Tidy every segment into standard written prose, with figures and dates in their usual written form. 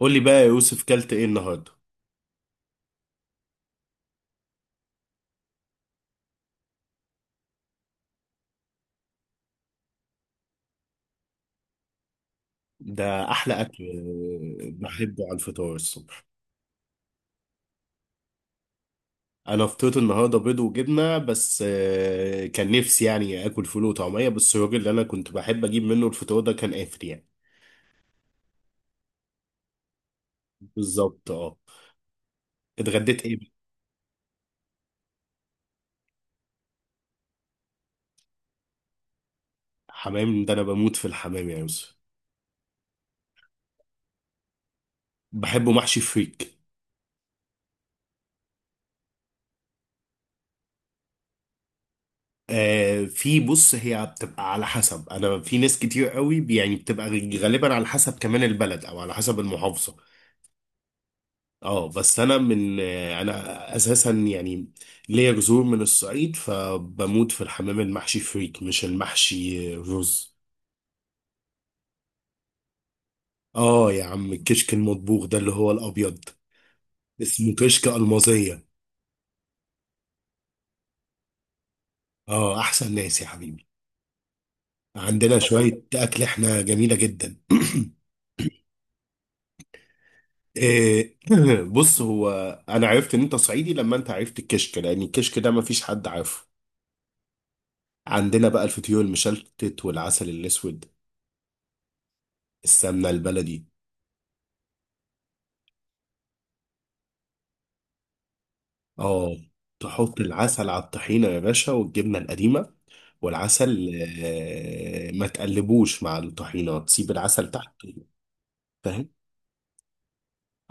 قول لي بقى يا يوسف كلت ايه النهارده؟ ده احلى اكل. بحبه على الفطار الصبح. انا فطرت النهارده بيض وجبنه بس، كان نفسي يعني اكل فول وطعميه، بس الراجل اللي انا كنت بحب اجيب منه الفطار ده كان قافل يعني. بالظبط اه. اتغديت ايه بقى؟ حمام ده انا بموت في الحمام يا يوسف. بحبه محشي فريك. آه في بص، هي بتبقى على حسب، انا في ناس كتير قوي يعني بتبقى غالبا على حسب كمان البلد او على حسب المحافظه. اه بس انا من انا اساسا يعني ليا جذور من الصعيد، فبموت في الحمام المحشي فريك مش المحشي رز. اه يا عم الكشك المطبوخ ده اللي هو الابيض اسمه كشك المازيه. اه احسن ناس يا حبيبي. عندنا شويه اكل احنا جميله جدا. إيه، بص هو انا عرفت ان انت صعيدي لما انت عرفت الكشك، لان الكشك ده مفيش حد عارفه. عندنا بقى الفطير المشلتت والعسل الاسود، السمنه البلدي. اه تحط العسل على الطحينة يا باشا والجبنة القديمة والعسل. ما تقلبوش مع الطحينة، تسيب العسل تحت. فاهم،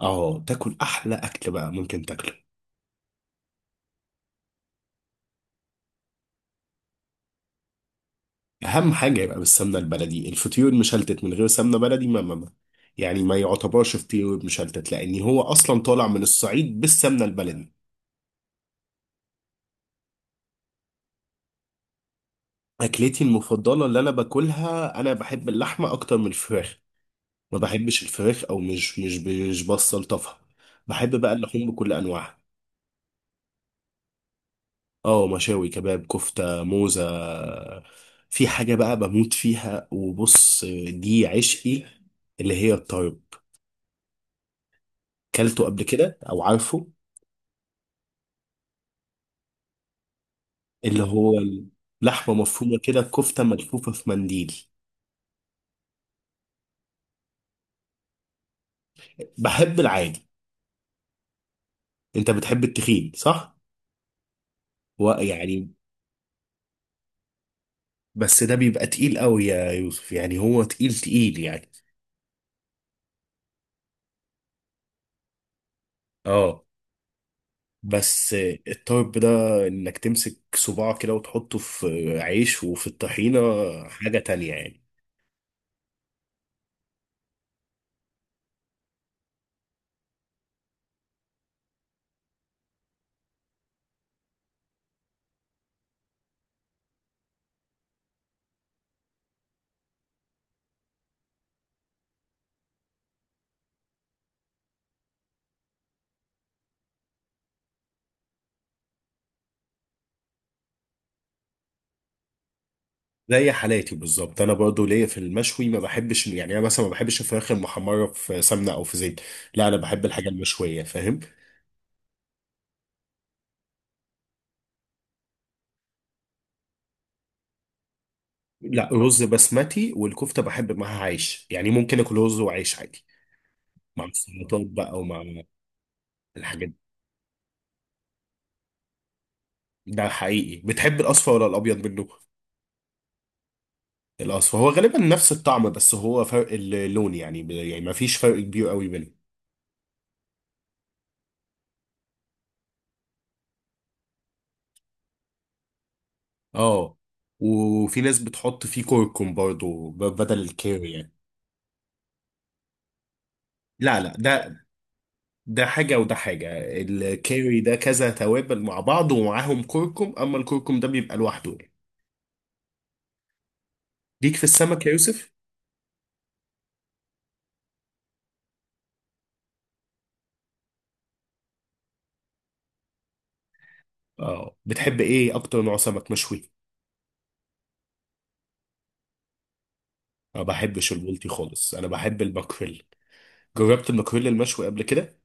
اه تاكل احلى اكل بقى ممكن تاكله. اهم حاجة يبقى بالسمنة البلدي، الفطير المشلتت من غير سمنة بلدي يعني ما يعتبرش فطير مشلتت، لان هو اصلا طالع من الصعيد بالسمنة البلدي. اكلتي المفضلة اللي انا باكلها، انا بحب اللحمة اكتر من الفراخ، ما بحبش الفراخ او مش بسلطفها. بحب بقى اللحوم بكل انواعها. اه مشاوي كباب كفته موزه، في حاجه بقى بموت فيها، وبص دي عشقي، اللي هي الطرب، كلته قبل كده او عارفه؟ اللي هو لحمه مفرومه كده كفته ملفوفه في منديل. بحب العادي. انت بتحب التخين صح؟ ويعني بس ده بيبقى تقيل قوي يا يوسف، يعني هو تقيل تقيل يعني. اه بس الطرب ده انك تمسك صباع كده وتحطه في عيش وفي الطحينة، حاجة تانية يعني. زي حالاتي بالظبط، انا برضو ليا في المشوي، ما بحبش يعني، انا مثلا ما بحبش الفراخ المحمرة في سمنة او في زيت، لا انا بحب الحاجة المشوية فاهم. لا رز بسمتي، والكفتة بحب معاها عيش، يعني ممكن اكل رز وعيش عادي، مع السلطات بقى ومع الحاجات دي. ده حقيقي، بتحب الاصفر ولا الابيض منه؟ الأصفر هو غالبا نفس الطعم، بس هو فرق اللون، يعني يعني ما فيش فرق كبير قوي بينهم. اه وفي ناس بتحط فيه كركم برضو بدل الكاري يعني. لا لا ده حاجة وده حاجة، الكاري ده كذا توابل مع بعض ومعاهم كركم، أما الكركم ده بيبقى لوحده يعني. ليك في السمك يا يوسف؟ اه بتحب ايه أكتر نوع سمك مشوي؟ ما بحبش البلطي خالص، أنا بحب الماكريل، جربت الماكريل المشوي قبل كده؟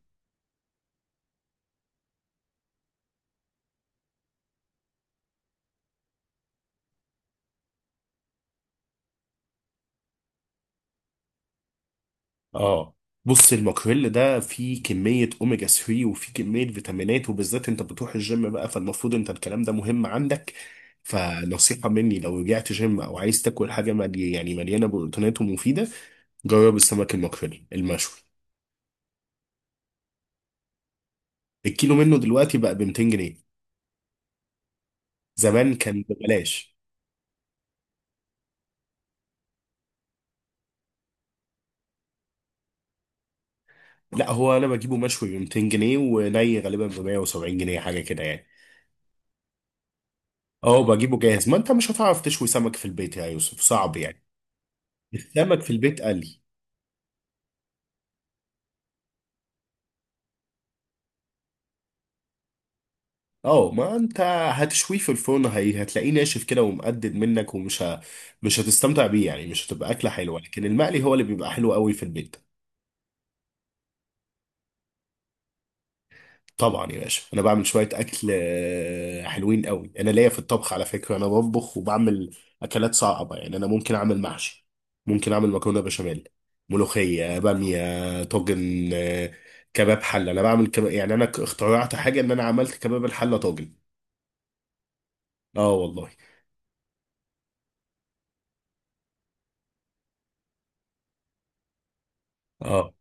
اه بص الماكريل ده فيه كمية اوميجا 3 وفيه كمية فيتامينات، وبالذات انت بتروح الجيم بقى، فالمفروض انت الكلام ده مهم عندك، فنصيحة مني لو رجعت جيم او عايز تاكل حاجة ملي يعني مليانة بروتينات ومفيدة، جرب السمك الماكريل المشوي. الكيلو منه دلوقتي بقى ب 200 جنيه، زمان كان ببلاش. لا هو انا بجيبه مشوي ب 200 جنيه، وني غالبا ب 170 جنيه حاجة كده يعني. اه بجيبه جاهز، ما انت مش هتعرف تشوي سمك في البيت يا يوسف صعب يعني، السمك في البيت قلي. اه ما انت هتشويه في الفرن، هي هتلاقيه ناشف كده ومقدد منك، مش هتستمتع بيه يعني، مش هتبقى اكله حلوه، لكن المقلي هو اللي بيبقى حلو قوي في البيت. طبعا يا باشا انا بعمل شويه اكل حلوين قوي، انا ليا في الطبخ على فكره، انا بطبخ وبعمل اكلات صعبه يعني، انا ممكن اعمل محشي، ممكن اعمل مكرونه بشاميل، ملوخيه باميه طاجن، كباب حله، انا بعمل كباب، يعني انا اخترعت حاجه ان انا عملت كباب الحله طاجن. اه والله. اه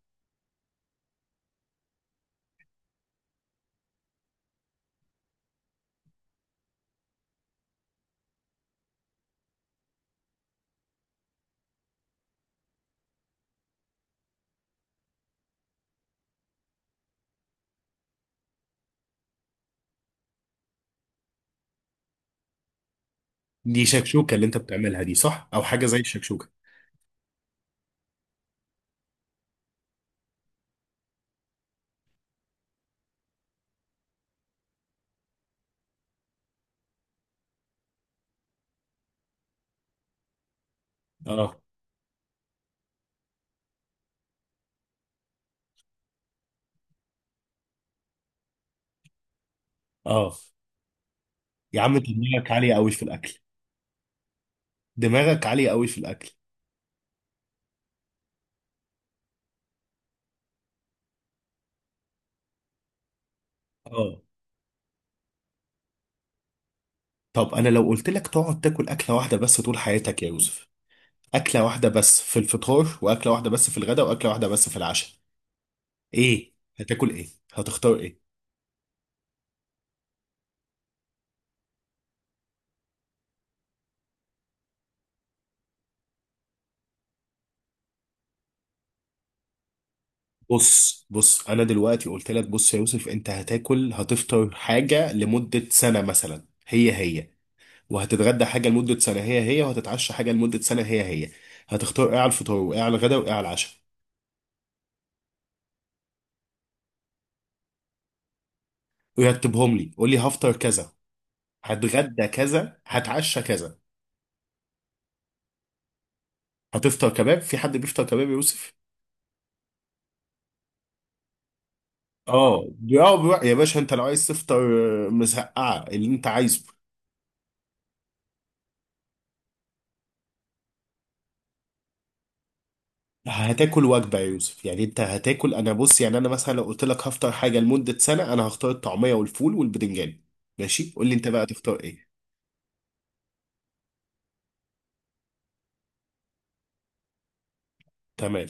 دي شكشوكة اللي انت بتعملها دي صح، او حاجة زي الشكشوكة. اه اه يا عم انت دماغك عالية قوي في الاكل، دماغك عالية قوي في الاكل. اه طب انا لو قلت لك تقعد تاكل اكلة واحدة بس طول حياتك يا يوسف، اكلة واحدة بس في الفطار، واكلة واحدة بس في الغداء، واكلة واحدة بس في العشاء، ايه هتاكل، ايه هتختار؟ ايه بص بص انا دلوقتي قلت لك، بص يا يوسف، انت هتاكل هتفطر حاجة لمدة سنة مثلا هي هي، وهتتغدى حاجة لمدة سنة هي هي، وهتتعشى حاجة لمدة سنة هي هي، هتختار ايه على الفطار، وايه على الغدا، وايه على العشاء؟ ويرتبهم لي، قول لي هفطر كذا، هتغدى كذا، هتعشى كذا. هتفطر كباب؟ في حد بيفطر كباب يا يوسف؟ اه يا باشا انت لو عايز تفطر مزقعة اللي انت عايزه. هتاكل وجبة يا يوسف، يعني انت هتاكل انا، بص يعني انا مثلا لو قلت لك هفطر حاجة لمدة سنة، انا هختار الطعمية والفول والبتنجان، ماشي قول لي انت بقى تختار ايه. تمام.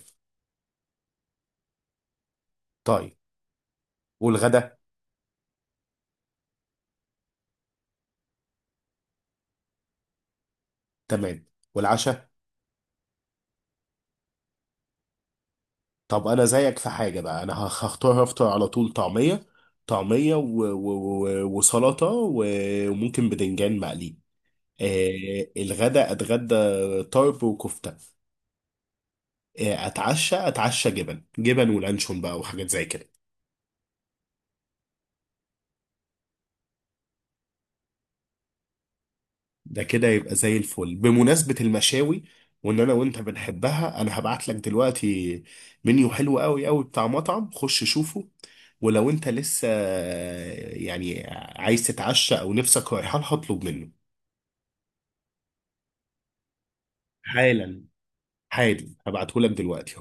طيب والغدا. تمام والعشاء. طب انا زيك في حاجه بقى، انا هختار، هفطر على طول طعميه، طعميه و... و... و... وسلطه وممكن بدنجان مقلي. آه الغدا، اتغدى طرب وكفته. آه اتعشى جبن جبن ولانشون بقى وحاجات زي كده. ده كده يبقى زي الفل، بمناسبة المشاوي، وان انا وانت بنحبها، انا هبعت لك دلوقتي منيو حلو قوي قوي بتاع مطعم، خش شوفه، ولو انت لسه يعني عايز تتعشى او نفسك رايحة لها اطلب منه. حالا، حالا هبعته لك دلوقتي.